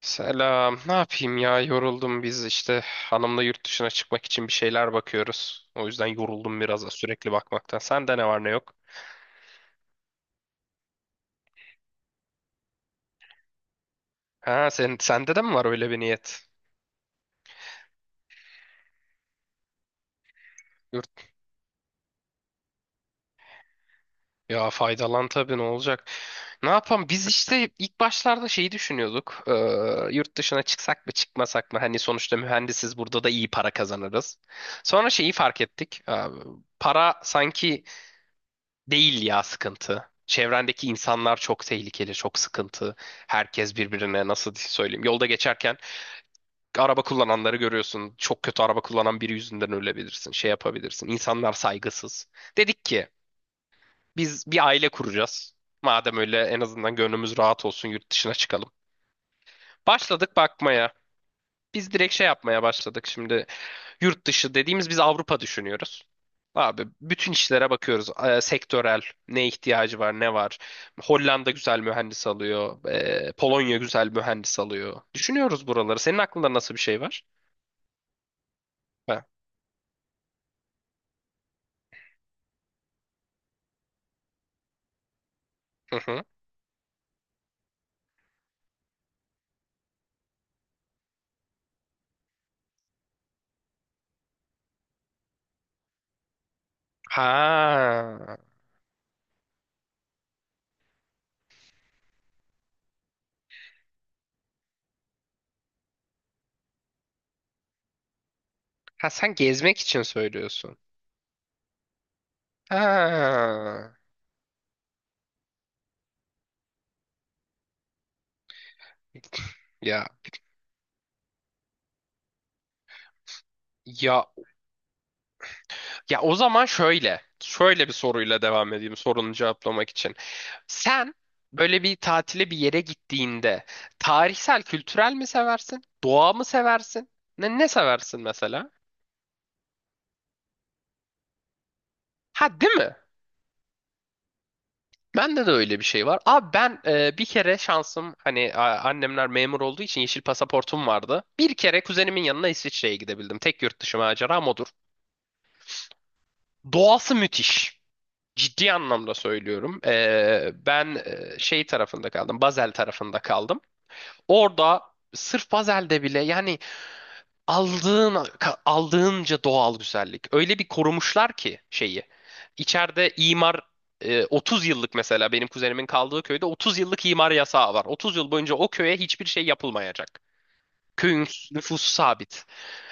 Selam. Ne yapayım ya? Yoruldum, biz işte hanımla yurt dışına çıkmak için bir şeyler bakıyoruz. O yüzden yoruldum biraz da sürekli bakmaktan. Sende ne var ne yok? Ha, sen sende de mi var öyle bir niyet? Yurt Ya faydalan tabii, ne olacak? Ne yapalım? Biz işte ilk başlarda şeyi düşünüyorduk. Yurt dışına çıksak mı çıkmasak mı? Hani sonuçta mühendisiz, burada da iyi para kazanırız. Sonra şeyi fark ettik. Para sanki değil ya, sıkıntı. Çevrendeki insanlar çok tehlikeli, çok sıkıntı. Herkes birbirine nasıl söyleyeyim. Yolda geçerken araba kullananları görüyorsun. Çok kötü araba kullanan biri yüzünden ölebilirsin. Şey yapabilirsin. İnsanlar saygısız. Dedik ki biz bir aile kuracağız. Madem öyle en azından gönlümüz rahat olsun, yurt dışına çıkalım. Başladık bakmaya. Biz direkt şey yapmaya başladık şimdi. Yurt dışı dediğimiz biz Avrupa düşünüyoruz. Abi bütün işlere bakıyoruz. Sektörel ne ihtiyacı var, ne var. Hollanda güzel mühendis alıyor. Polonya güzel mühendis alıyor. Düşünüyoruz buraları. Senin aklında nasıl bir şey var? Ha. Hı hı. Ha. Ha, sen gezmek için söylüyorsun. Ha. Ya ya ya, o zaman şöyle. Şöyle bir soruyla devam edeyim sorunu cevaplamak için. Sen böyle bir tatile bir yere gittiğinde tarihsel, kültürel mi seversin? Doğa mı seversin? Ne, ne seversin mesela? Ha, değil mi? Bende de öyle bir şey var. Abi ben bir kere şansım hani annemler memur olduğu için yeşil pasaportum vardı. Bir kere kuzenimin yanına İsviçre'ye gidebildim. Tek yurt dışı maceram odur. Doğası müthiş. Ciddi anlamda söylüyorum. Ben şey tarafında kaldım. Basel tarafında kaldım. Orada sırf Basel'de bile yani aldığın aldığınca doğal güzellik. Öyle bir korumuşlar ki şeyi. İçeride imar 30 yıllık, mesela benim kuzenimin kaldığı köyde 30 yıllık imar yasağı var. 30 yıl boyunca o köye hiçbir şey yapılmayacak. Köyün nüfusu sabit.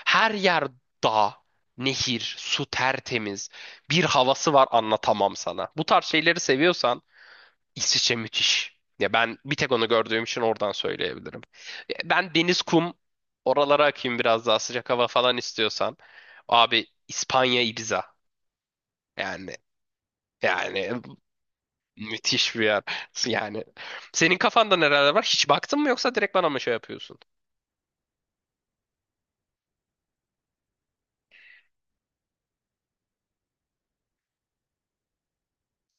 Her yer dağ, nehir, su tertemiz. Bir havası var, anlatamam sana. Bu tarz şeyleri seviyorsan İsviçre müthiş. Ya ben bir tek onu gördüğüm için oradan söyleyebilirim. Ya ben deniz, kum, oralara akayım, biraz daha sıcak hava falan istiyorsan. Abi İspanya, Ibiza. Yani yani, müthiş bir yer. Yani senin kafanda nereler var? Hiç baktın mı yoksa direkt bana mı şey yapıyorsun?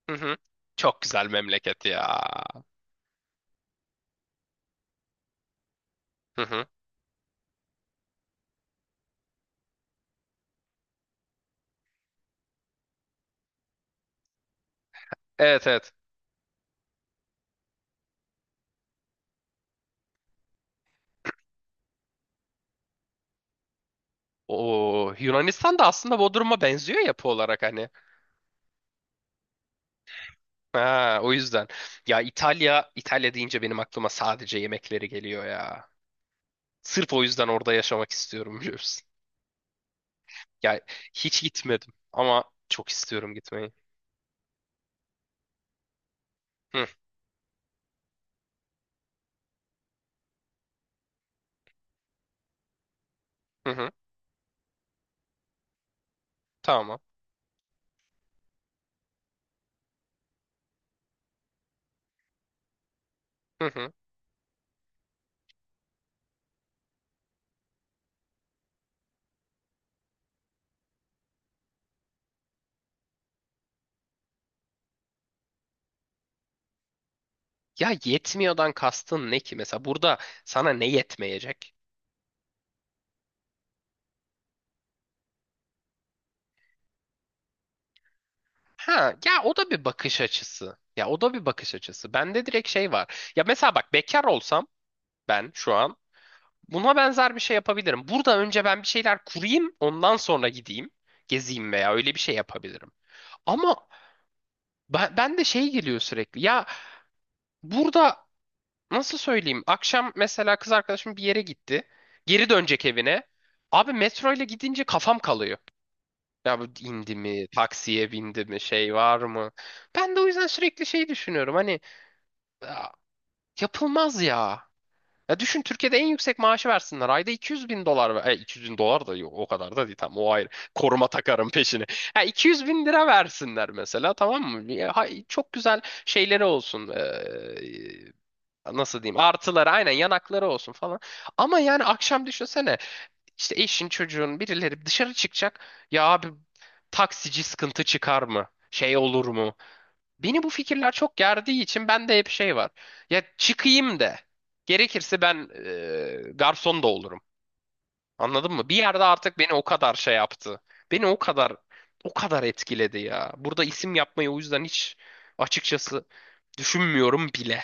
Hı hı. Çok güzel memleket ya. Hı hı. Evet, evet. O Yunanistan da aslında Bodrum'a benziyor yapı olarak hani. Ha, o yüzden. Ya İtalya, İtalya deyince benim aklıma sadece yemekleri geliyor ya. Sırf o yüzden orada yaşamak istiyorum, biliyor musun? Ya, hiç gitmedim ama çok istiyorum gitmeyi. Hı hı hı. Tamam. Hı hı. Ya, yetmiyordan kastın ne ki? Mesela burada sana ne yetmeyecek? Ha, ya o da bir bakış açısı. Ya o da bir bakış açısı. Bende direkt şey var. Ya mesela bak, bekar olsam ben şu an buna benzer bir şey yapabilirim. Burada önce ben bir şeyler kurayım, ondan sonra gideyim, gezeyim veya öyle bir şey yapabilirim. Ama ben de şey geliyor sürekli. Ya, burada nasıl söyleyeyim? Akşam mesela kız arkadaşım bir yere gitti. Geri dönecek evine. Abi metro ile gidince kafam kalıyor. Ya bu indi mi, taksiye bindi mi, şey var mı? Ben de o yüzden sürekli şey düşünüyorum. Hani "Ya, yapılmaz ya. Ya düşün Türkiye'de en yüksek maaşı versinler. Ayda 200 bin dolar. 200 bin dolar da yok, o kadar da değil. Tamam o ayrı. Koruma takarım peşine. Ha, 200 bin lira versinler mesela, tamam mı? Ya, çok güzel şeyleri olsun. Nasıl diyeyim? Artıları aynen yanakları olsun falan. Ama yani akşam düşünsene, işte eşin çocuğun birileri dışarı çıkacak. Ya abi, taksici sıkıntı çıkar mı? Şey olur mu? Beni bu fikirler çok gerdiği için bende hep şey var. Ya, çıkayım de. Gerekirse ben garson da olurum. Anladın mı? Bir yerde artık beni o kadar şey yaptı. Beni o kadar o kadar etkiledi ya. Burada isim yapmayı o yüzden hiç açıkçası düşünmüyorum bile.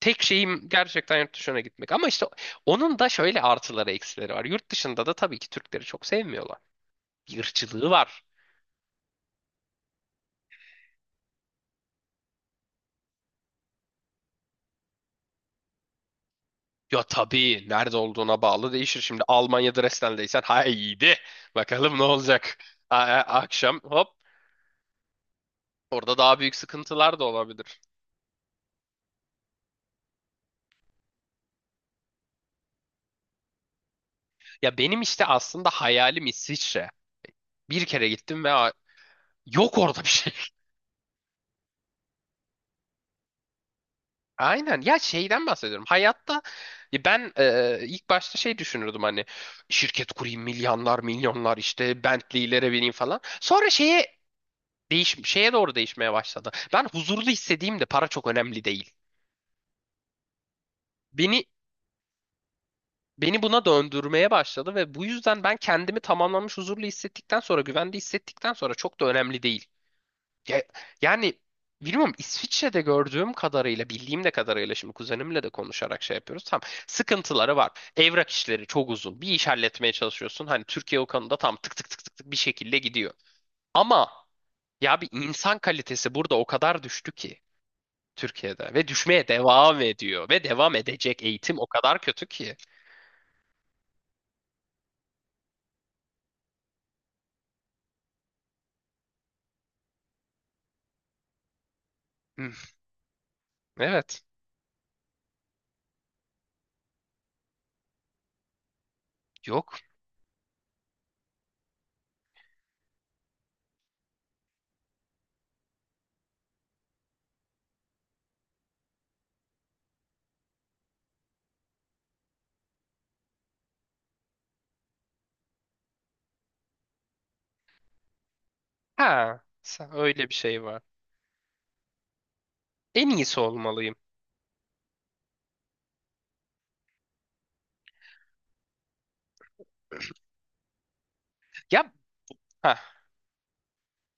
Tek şeyim gerçekten yurt dışına gitmek. Ama işte onun da şöyle artıları eksileri var. Yurt dışında da tabii ki Türkleri çok sevmiyorlar. Bir ırkçılığı var. Ya tabii nerede olduğuna bağlı değişir. Şimdi Almanya'da Dresden'deysen haydi bakalım ne olacak. Akşam hop, orada daha büyük sıkıntılar da olabilir. Ya benim işte aslında hayalim İsviçre. Bir kere gittim ve yok orada bir şey. Aynen ya, şeyden bahsediyorum. Hayatta ya ben ilk başta şey düşünürdüm, hani şirket kurayım, milyonlar milyonlar işte Bentley'lere bineyim falan. Sonra şeye doğru değişmeye başladı. Ben huzurlu hissediğimde para çok önemli değil. Beni beni buna döndürmeye başladı ve bu yüzden ben kendimi tamamlanmış huzurlu hissettikten sonra, güvende hissettikten sonra çok da önemli değil. Ya- yani bilmiyorum, İsviçre'de gördüğüm kadarıyla, bildiğim de kadarıyla şimdi kuzenimle de konuşarak şey yapıyoruz. Tam sıkıntıları var. Evrak işleri çok uzun. Bir iş halletmeye çalışıyorsun. Hani Türkiye o konuda tam tık tık tık tık tık bir şekilde gidiyor. Ama ya, bir insan kalitesi burada o kadar düştü ki Türkiye'de, ve düşmeye devam ediyor ve devam edecek, eğitim o kadar kötü ki. Hı. Evet. Yok. Ha, sen, öyle bir şey var. En iyisi olmalıyım. Ya, ha.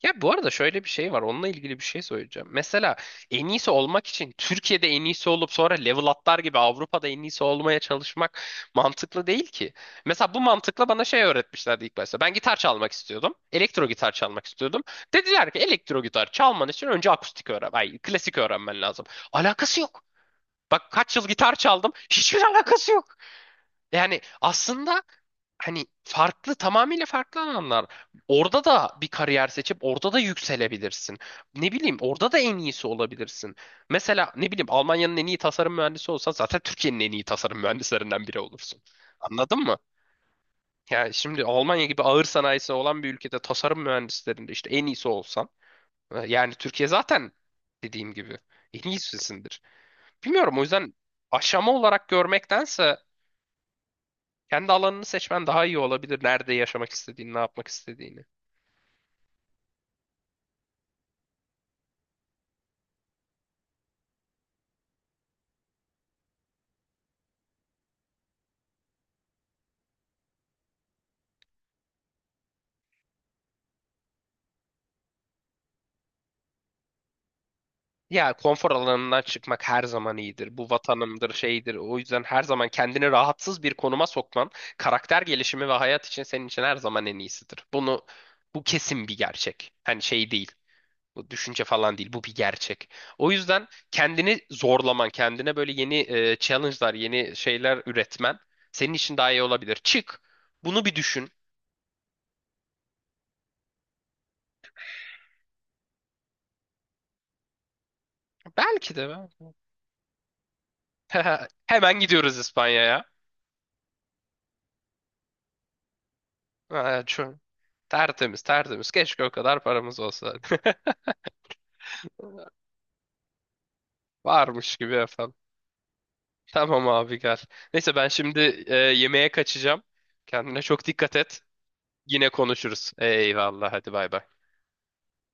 Ya bu arada şöyle bir şey var. Onunla ilgili bir şey söyleyeceğim. Mesela en iyisi olmak için Türkiye'de en iyisi olup sonra level atlar gibi Avrupa'da en iyisi olmaya çalışmak mantıklı değil ki. Mesela bu mantıkla bana şey öğretmişlerdi ilk başta. Ben gitar çalmak istiyordum. Elektro gitar çalmak istiyordum. Dediler ki elektro gitar çalman için önce akustik öğren. Ay, klasik öğrenmen lazım. Alakası yok. Bak kaç yıl gitar çaldım. Hiçbir alakası yok. Yani aslında hani farklı, tamamıyla farklı alanlar. Orada da bir kariyer seçip orada da yükselebilirsin. Ne bileyim, orada da en iyisi olabilirsin. Mesela ne bileyim, Almanya'nın en iyi tasarım mühendisi olsan zaten Türkiye'nin en iyi tasarım mühendislerinden biri olursun. Anladın mı? Yani şimdi Almanya gibi ağır sanayisi olan bir ülkede tasarım mühendislerinde işte en iyisi olsan, yani Türkiye zaten dediğim gibi en iyisisindir. Bilmiyorum, o yüzden aşama olarak görmektense kendi alanını seçmen daha iyi olabilir. Nerede yaşamak istediğini, ne yapmak istediğini. Ya konfor alanından çıkmak her zaman iyidir. Bu vatanımdır, şeydir. O yüzden her zaman kendini rahatsız bir konuma sokman, karakter gelişimi ve hayat için senin için her zaman en iyisidir. Bunu, bu kesin bir gerçek. Hani şey değil. Bu düşünce falan değil. Bu bir gerçek. O yüzden kendini zorlaman, kendine böyle yeni challenge'lar, yeni şeyler üretmen senin için daha iyi olabilir. Çık. Bunu bir düşün. Belki de. Hemen gidiyoruz İspanya'ya. Ha, tertemiz tertemiz. Keşke o kadar paramız olsa. Varmış gibi efendim. Tamam abi gel. Neyse ben şimdi yemeğe kaçacağım. Kendine çok dikkat et. Yine konuşuruz. Eyvallah, hadi bay bay.